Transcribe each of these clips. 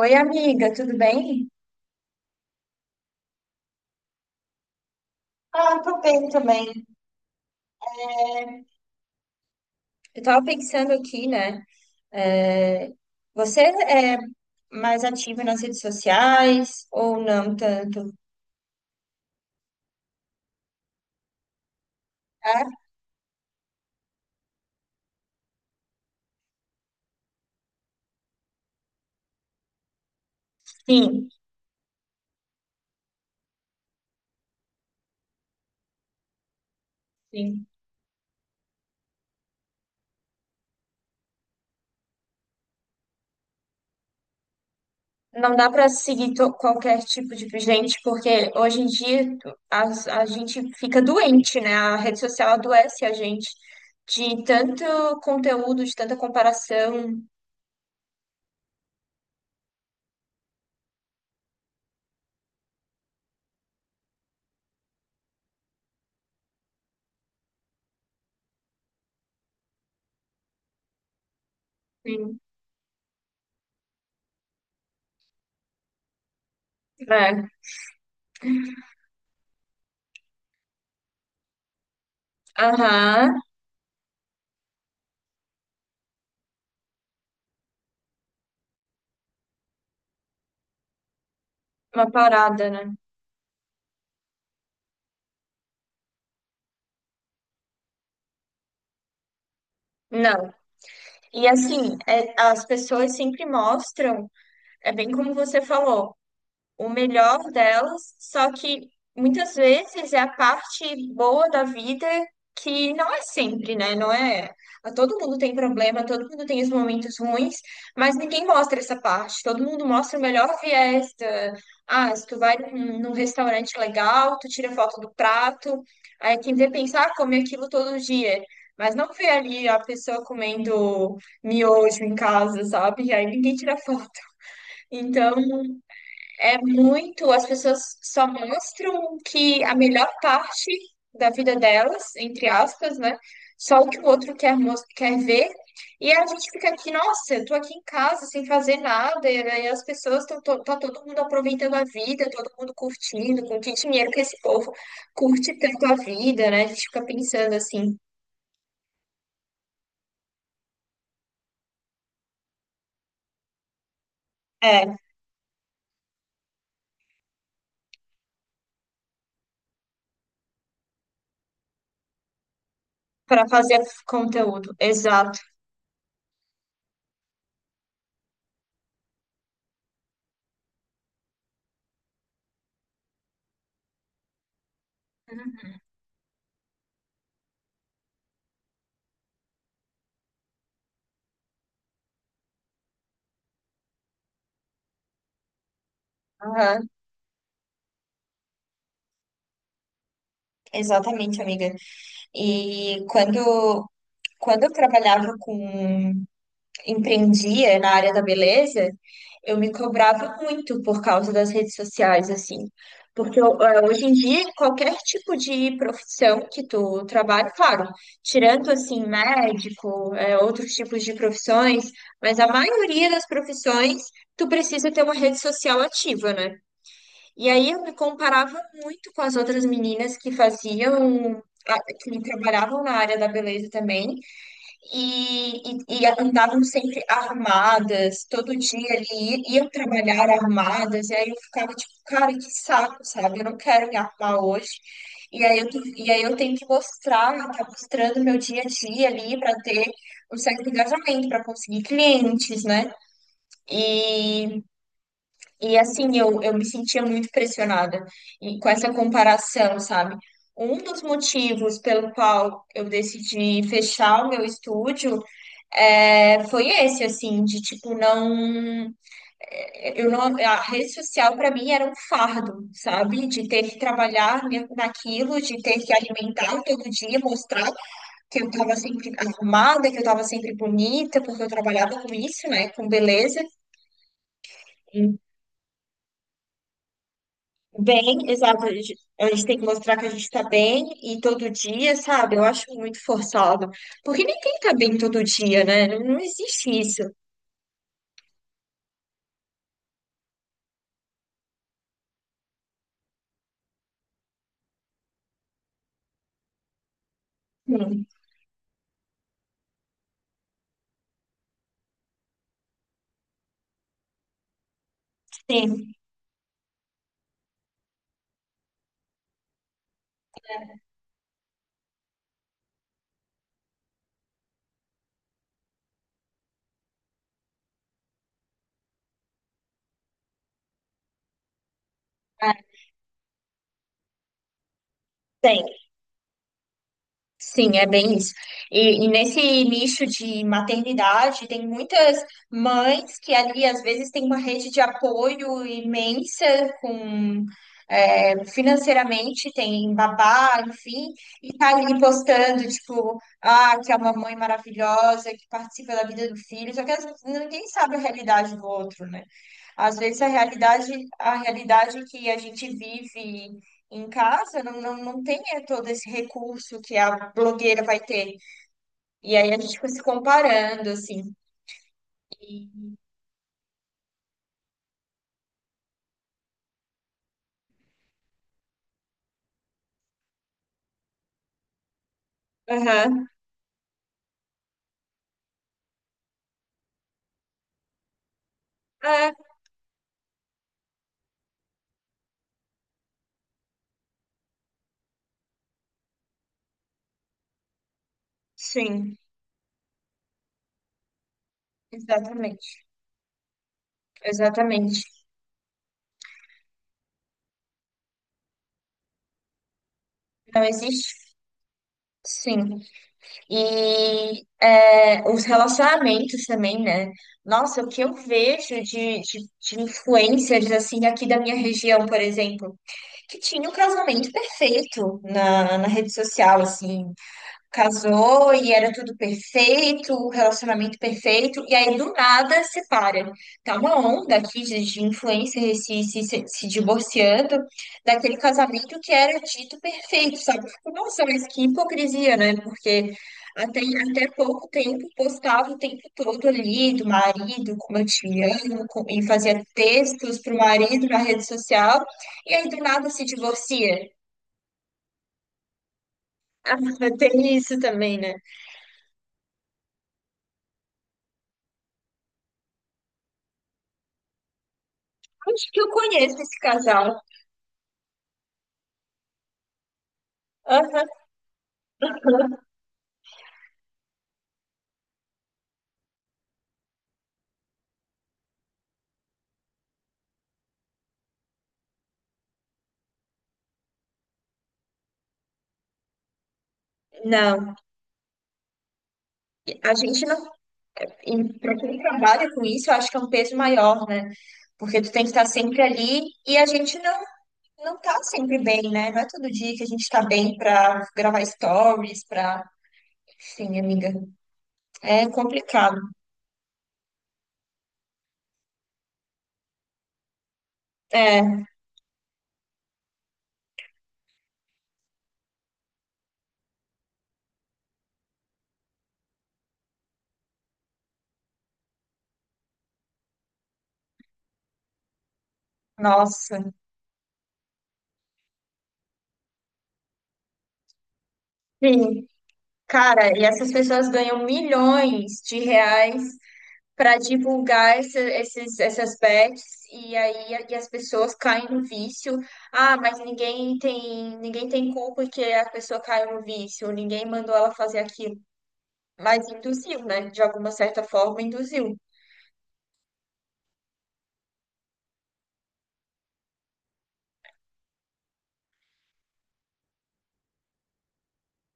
Oi, amiga, tudo bem? Ah, tô bem também. Eu tava pensando aqui, né? é, Você mais ativa nas redes sociais ou não tanto? É? Sim. Sim. Não dá para seguir qualquer tipo de gente, porque hoje em dia a gente fica doente, né? A rede social adoece a gente de tanto conteúdo, de tanta comparação. Sim. É, aham, uma parada, né? Não. E assim, é, as pessoas sempre mostram, é bem como você falou o melhor delas, só que muitas vezes é a parte boa da vida que não é sempre, né? Não é. Ah, todo mundo tem problema, todo mundo tem os momentos ruins, mas ninguém mostra essa parte. Todo mundo mostra o melhor viés Ah, se tu vai num restaurante legal, tu tira foto do prato, aí quem vê pensar, ah, come aquilo todo dia. Mas não vê ali a pessoa comendo miojo em casa, sabe? Aí ninguém tira foto. Então, é muito, as pessoas só mostram que a melhor parte da vida delas, entre aspas, né? Só o que o outro quer, quer ver. E a gente fica aqui, nossa, eu tô aqui em casa sem fazer nada, e aí as pessoas estão, tá todo mundo aproveitando a vida, todo mundo curtindo, com que dinheiro que esse povo curte tanto a vida, né? A gente fica pensando assim, é, para fazer conteúdo, exato. Aham, exatamente, amiga. E quando Quando eu trabalhava com, empreendia na área da beleza, eu me cobrava muito por causa das redes sociais, assim. Porque hoje em dia, qualquer tipo de profissão que tu trabalha, claro, tirando, assim, médico, outros tipos de profissões, mas a maioria das profissões, tu precisa ter uma rede social ativa, né? E aí eu me comparava muito com as outras meninas que faziam, ah, que trabalhavam na área da beleza também, e andavam sempre armadas, todo dia ali iam trabalhar armadas, e aí eu ficava tipo, cara, que saco, sabe? Eu não quero me armar hoje. E aí e aí eu tenho que mostrar, tá mostrando meu dia a dia ali para ter um certo engajamento, para conseguir clientes, né? E, e assim, eu me sentia muito pressionada e com essa comparação, sabe? Um dos motivos pelo qual eu decidi fechar o meu estúdio é, foi esse, assim, de tipo, não. Eu não, a rede social para mim era um fardo, sabe? De ter que trabalhar naquilo, de ter que alimentar todo dia, mostrar que eu tava sempre arrumada, que eu tava sempre bonita, porque eu trabalhava com isso, né? Com beleza. Bem, exato. A gente tem que mostrar que a gente tá bem e todo dia, sabe? Eu acho muito forçado. Porque ninguém tá bem todo dia, né? Não, não existe isso. Hum, sim, é, tem. Sim, é bem isso. E nesse nicho de maternidade, tem muitas mães que ali, às vezes, têm uma rede de apoio imensa com. É, financeiramente tem babá, enfim, e tá ali postando, tipo, ah, que é uma mãe maravilhosa, que participa da vida do filho, só que ninguém sabe a realidade do outro, né? Às vezes a realidade que a gente vive em casa não tem todo esse recurso que a blogueira vai ter. E aí a gente fica se comparando, assim. Aham. É, sim, exatamente. Exatamente. Não existe, sim. E é, os relacionamentos também, né? Nossa, o que eu vejo de influencers, assim, aqui da minha região, por exemplo. Que tinha o cruzamento perfeito na rede social, assim, casou e era tudo perfeito, o relacionamento perfeito, e aí do nada separa. Tá uma onda aqui de influencer se divorciando daquele casamento que era dito perfeito, sabe? Eu fico, nossa, mas que hipocrisia, né? Porque até, até pouco tempo postava o tempo todo ali do marido, como eu te amo, e fazia textos pro marido na rede social, e aí do nada se divorcia. Ah, tem isso também, né? Acho que eu conheço esse casal. Aham. Não, a gente não. Para quem trabalha com isso, eu acho que é um peso maior, né? Porque tu tem que estar sempre ali e a gente não tá sempre bem, né? Não é todo dia que a gente tá bem pra gravar stories, pra. Enfim, amiga. É complicado. É, nossa. Sim. Cara, e essas pessoas ganham milhões de reais para divulgar esses, essas bets e aí e as pessoas caem no vício. Ah, mas ninguém tem culpa que a pessoa caiu no vício, ninguém mandou ela fazer aquilo. Mas induziu, né? De alguma certa forma, induziu.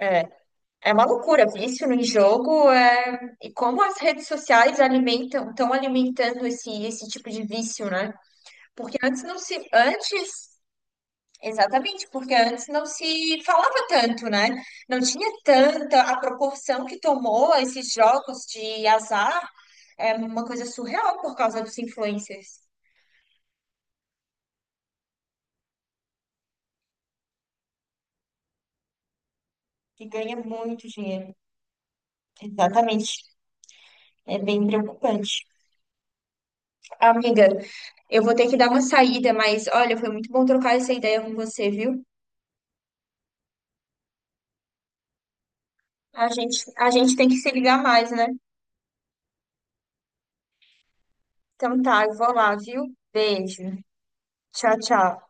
É, é uma loucura, vício em jogo é... e como as redes sociais alimentam, estão alimentando esse, esse tipo de vício, né? Porque antes não se, antes Exatamente, porque antes não se falava tanto, né? Não tinha tanta a proporção que tomou esses jogos de azar, é uma coisa surreal por causa dos influencers, que ganha muito dinheiro. Exatamente, é bem preocupante. Amiga, eu vou ter que dar uma saída, mas olha, foi muito bom trocar essa ideia com você, viu? A gente tem que se ligar mais, né? Então tá, eu vou lá, viu? Beijo. Tchau, tchau.